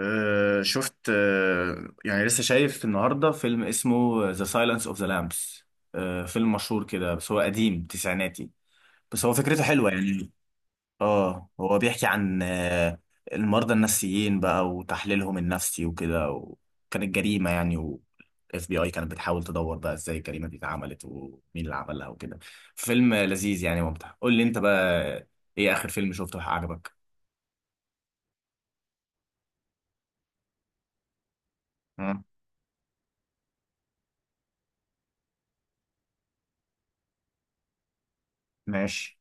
شفت، يعني لسه شايف النهارده فيلم اسمه ذا سايلنس اوف ذا لامبس. فيلم مشهور كده، بس هو قديم تسعيناتي. بس هو فكرته حلوه يعني. اه هو بيحكي عن المرضى النفسيين بقى وتحليلهم النفسي وكده، وكانت جريمه يعني، والاف بي اي كانت بتحاول تدور بقى ازاي الجريمه دي اتعملت ومين اللي عملها وكده. فيلم لذيذ يعني، ممتع. قول لي انت بقى، ايه اخر فيلم شفته عجبك؟ مم، ماشي.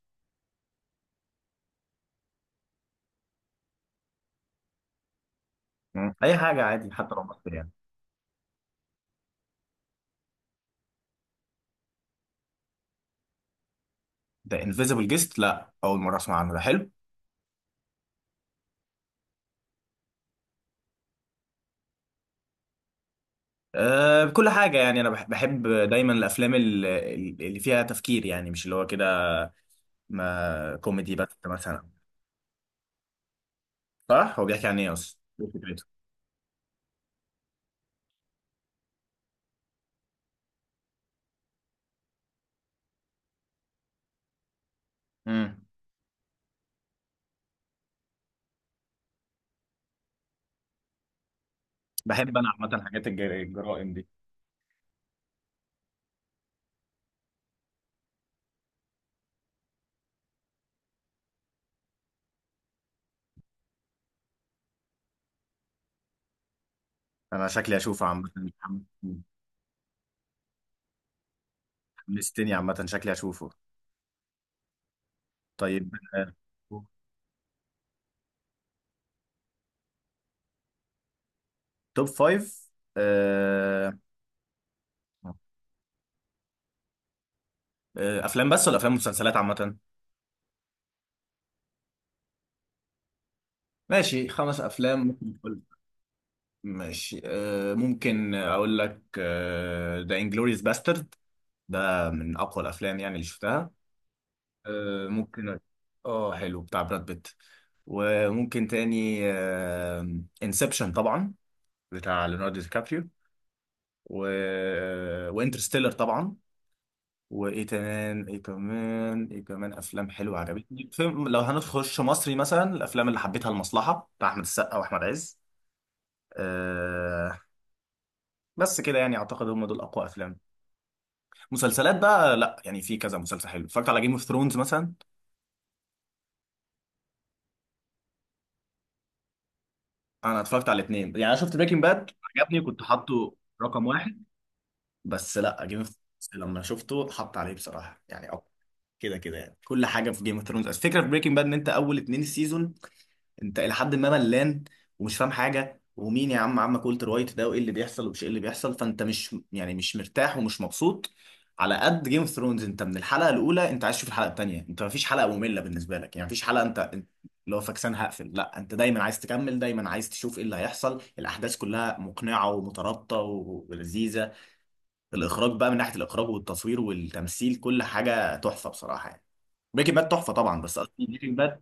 مم، اي حاجه عادي حتى لو مصري يعني. ده انفيزيبل جيست، لا اول مره اسمع عنه، ده حلو. أه، بكل حاجه يعني، انا بحب دايما الافلام اللي فيها تفكير، يعني مش اللي هو كده ما كوميدي بس مثلا. صح، هو بيحكي عن ايه اصلا، إيه فكرته؟ امم. بحب انا عامه حاجات الجرائم دي. انا شكلي اشوفه عامه. حمستني عامه، شكلي اشوفه. طيب، توب فايف. أه، افلام بس ولا افلام ومسلسلات عامه؟ ماشي، خمس افلام. ماشي، ممكن اقول لك ذا انجلوريوس باسترد. ده من اقوى الافلام يعني اللي شفتها. ممكن، اه حلو، بتاع براد بيت. وممكن تاني، انسبشن طبعا، بتاع ليوناردو دي كابريو. و آه، وانترستيلر طبعا. وايه كمان ايه كمان ايه كمان، افلام حلوه عجبتني. فيلم لو هنخش مصري مثلا، الافلام اللي حبيتها المصلحه بتاع احمد السقا واحمد عز. أه. بس كده يعني، اعتقد هم دول اقوى افلام. مسلسلات بقى، لا يعني في كذا مسلسل حلو، اتفرجت على جيم اوف ثرونز مثلا. انا اتفرجت على الاثنين يعني، انا شفت بريكنج باد. عجبني، كنت حاطه رقم واحد. بس لا، جيم اوف ثرونز لما شفته حط عليه بصراحه يعني. كده كده يعني، كل حاجه في جيم اوف ثرونز. الفكره في بريكنج باد ان انت اول اثنين سيزون انت الى حد ما ملان، ومش فاهم حاجه، ومين يا عم عمك والتر وايت ده، وايه اللي بيحصل ومش ايه اللي بيحصل، فانت مش يعني مش مرتاح ومش مبسوط. على قد جيم اوف ثرونز، انت من الحلقه الاولى انت عايز تشوف الحلقه الثانيه، انت مفيش حلقه ممله بالنسبه لك يعني، مفيش حلقه انت انت اللي هو فاكسان هقفل، لا انت دايما عايز تكمل، دايما عايز تشوف ايه اللي هيحصل. الاحداث كلها مقنعه ومترابطه ولذيذه. الاخراج بقى من ناحيه الاخراج والتصوير والتمثيل، كل حاجه تحفه بصراحه يعني. بريكنج باد تحفه طبعا، بس قصدي بريكنج باد.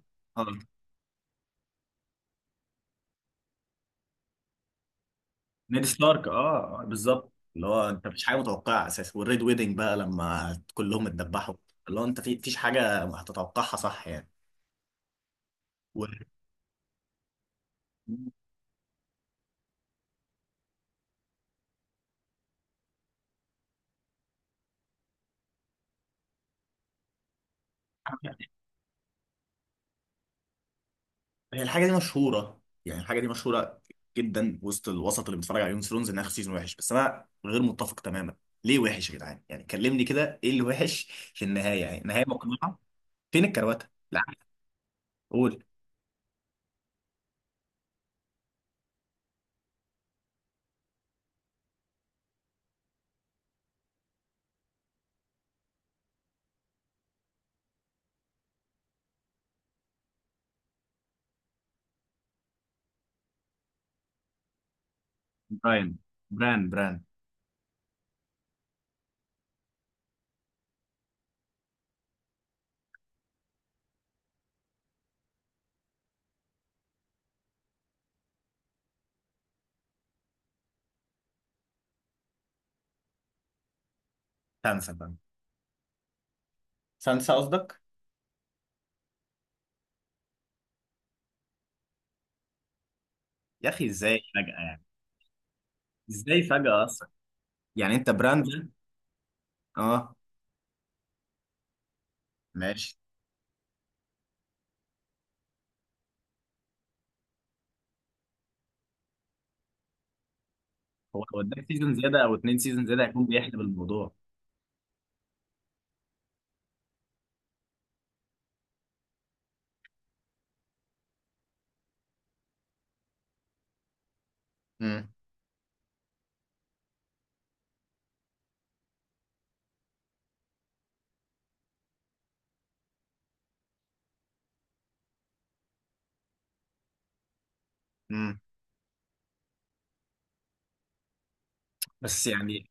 نيد ستارك، اه، بالظبط، اللي هو انت مفيش حاجه متوقعه اساسا، والريد ويدنج بقى لما كلهم اتدبحوا، اللي هو انت في فيش حاجه هتتوقعها صح يعني. و... هي الحاجه دي مشهوره يعني، الحاجه دي مشهوره جدا وسط الوسط اللي بيتفرج على جيم اوف ثرونز انها سيزون وحش، بس انا غير متفق تماما. ليه وحش يا جدعان يعني؟ كلمني كده، ايه اللي وحش؟ في النهايه يعني نهايه مقنعه. فين الكروته؟ لا، قول. براين، بران. سانسا، بران. سانسا قصدك. يا اخي ازاي فجاه يعني؟ ازاي فجاه؟ يعني انت براند ده. اه، ماشي. هو لو اداك سيزون زياده او اتنين سيزون زياده هيكون بيحلب الموضوع. امم. امم، بس يعني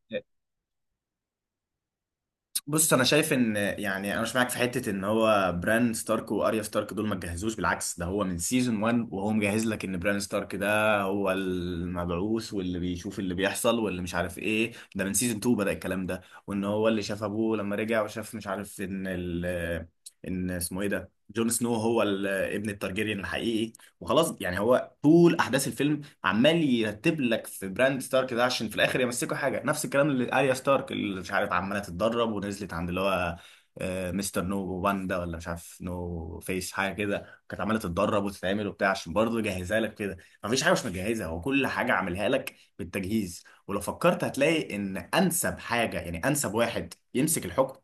بص، انا شايف ان يعني، انا مش معاك في حته ان هو بران ستارك واريا ستارك دول ما تجهزوش، بالعكس ده هو من سيزون 1 وهو مجهز لك ان بران ستارك ده هو المبعوث واللي بيشوف اللي بيحصل واللي مش عارف ايه، ده من سيزون 2 بدأ الكلام ده. وان هو اللي شاف ابوه لما رجع وشاف، مش عارف ان ان اسمه ايه ده جون سنو هو ابن التارجيريان الحقيقي. وخلاص يعني، هو طول احداث الفيلم عمال يرتب لك في براند ستارك ده عشان في الاخر يمسكوا حاجه. نفس الكلام اللي اريا ستارك اللي مش عارف عماله تتدرب ونزلت عند اللي هو مستر نو واندا ولا مش عارف نو فيس، حاجه كده كانت عماله تتدرب وتتعمل وبتاع عشان برضه يجهزها لك كده. مفيش حاجه مش مجهزها، هو كل حاجه عاملها لك بالتجهيز. ولو فكرت هتلاقي ان انسب حاجه يعني انسب واحد يمسك الحكم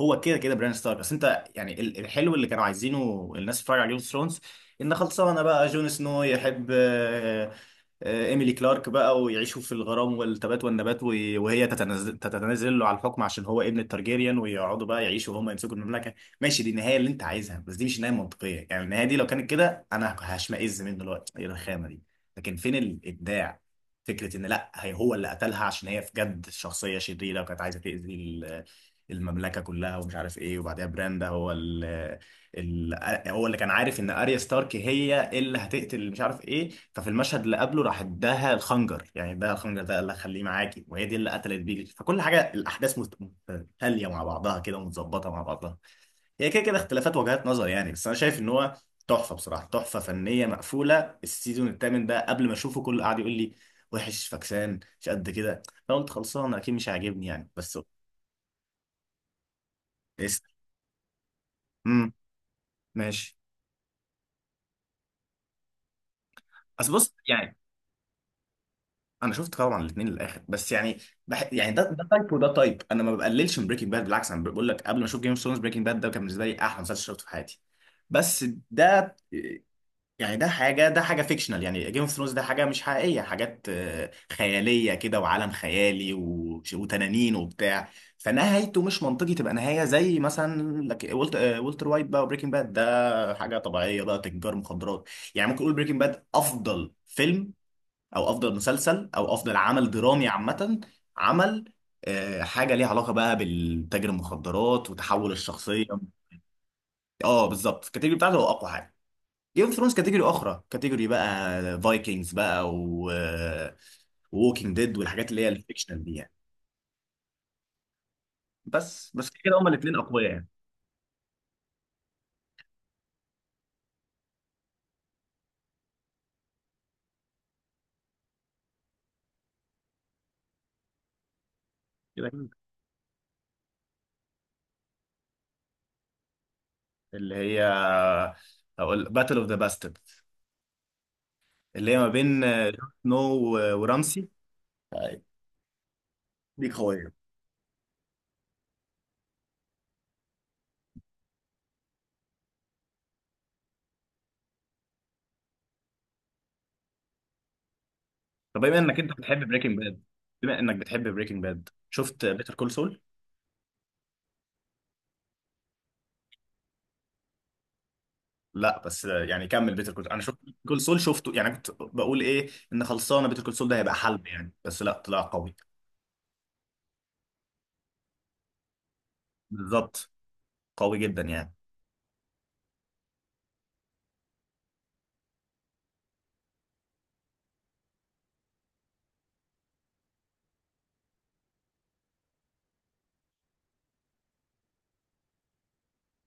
هو كده كده بران ستارك. اصل انت يعني الحلو اللي كانوا عايزينه الناس تتفرج على جيم اوف ثرونز ان خلصانه بقى جون سنو يحب إيميلي كلارك بقى، ويعيشوا في الغرام والتبات والنبات، وهي تتنازل له على الحكم عشان هو ابن الترجيريان، ويقعدوا بقى يعيشوا وهم يمسكوا المملكة. ماشي، دي النهاية اللي أنت عايزها، بس دي مش نهاية منطقية يعني، النهاية دي لو كانت كده أنا هشمئز منه دلوقتي. إيه الرخامة دي؟ لكن فين الإبداع؟ فكرة إن لأ، هي هو اللي قتلها عشان هي في جد شخصية شريرة، وكانت عايزة تأذي المملكة كلها ومش عارف إيه. وبعدها براندا هو يعني هو اللي كان عارف ان اريا ستارك هي اللي هتقتل مش عارف ايه، ففي المشهد اللي قبله راح اداها الخنجر، يعني اداها الخنجر ده قال لها خليه معاكي، وهي دي اللي قتلت بيه. فكل حاجه الاحداث متتاليه مع بعضها كده، ومتظبطه مع بعضها. هي كده كده اختلافات وجهات نظر يعني، بس انا شايف ان هو تحفه بصراحه، تحفه فنيه مقفوله. السيزون الثامن ده قبل ما اشوفه كل قاعد يقول لي وحش، فكسان مش قد كده، فقلت خلصان اكيد مش هيعجبني يعني. بس اس، امم، ماشي. اصل بص يعني، انا شفت طبعا الاثنين للاخر بس يعني يعني، ده تايب وده تايب. انا ما بقللش من بريكنج باد بالعكس، انا بقول لك قبل ما اشوف جيم اوف ثرونز بريكنج باد ده كان بالنسبه لي احلى مسلسل شفته في حياتي. بس ده يعني، ده حاجه فيكشنال يعني. جيم اوف ثرونز ده حاجه مش حقيقيه، حاجات خياليه كده، وعالم خيالي وتنانين وبتاع. فنهايته مش منطقي تبقى نهايه زي مثلا لك ولت... آه، والتر وايت بقى. وبريكنج باد ده حاجه طبيعيه بقى تجار مخدرات. يعني ممكن اقول بريكنج باد افضل فيلم، او افضل مسلسل، او افضل عمل درامي عامه. عمل حاجه ليها علاقه بقى بالتاجر المخدرات وتحول الشخصيه. اه بالظبط، الكاتيجوري بتاعته هو اقوى حاجه. جيم اوف ثرونز كاتيجوري اخرى، كاتيجوري بقى فايكنجز بقى، و ووكينج ديد والحاجات اللي هي الفيكشنال دي يعني. بس، بس كده كده هما الاثنين اقوياء يعني. كده كده. اللي هي، هقول باتل اوف ذا باسترد. اللي هي ما بين جون سنو ورامسي. آه، دي قويه. طب بما انك انت بتحب بريكنج باد، بما انك بتحب بريكنج باد، شفت بيتر كول سول؟ لا بس يعني كمل، بيتر كول انا شفت، كول سول شفته يعني. كنت بقول ايه ان خلصانه بيتر كول سول ده هيبقى حلب يعني، بس لا طلع قوي. بالظبط، قوي جدا يعني.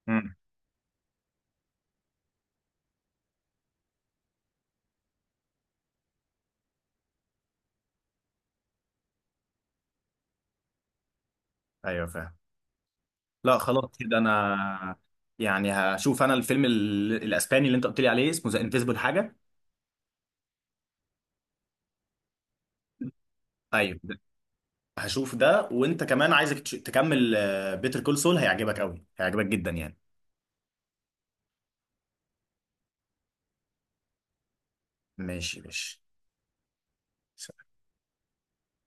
امم، ايوه فاهم. لا خلاص كده، انا يعني هشوف انا الفيلم الاسباني اللي انت قلت لي عليه اسمه ذا انفيزبل حاجه. ايوه ده. هشوف ده، وانت كمان عايزك تكمل. بيتر كول سول هيعجبك قوي، هيعجبك جدا يعني. ماشي ماشي.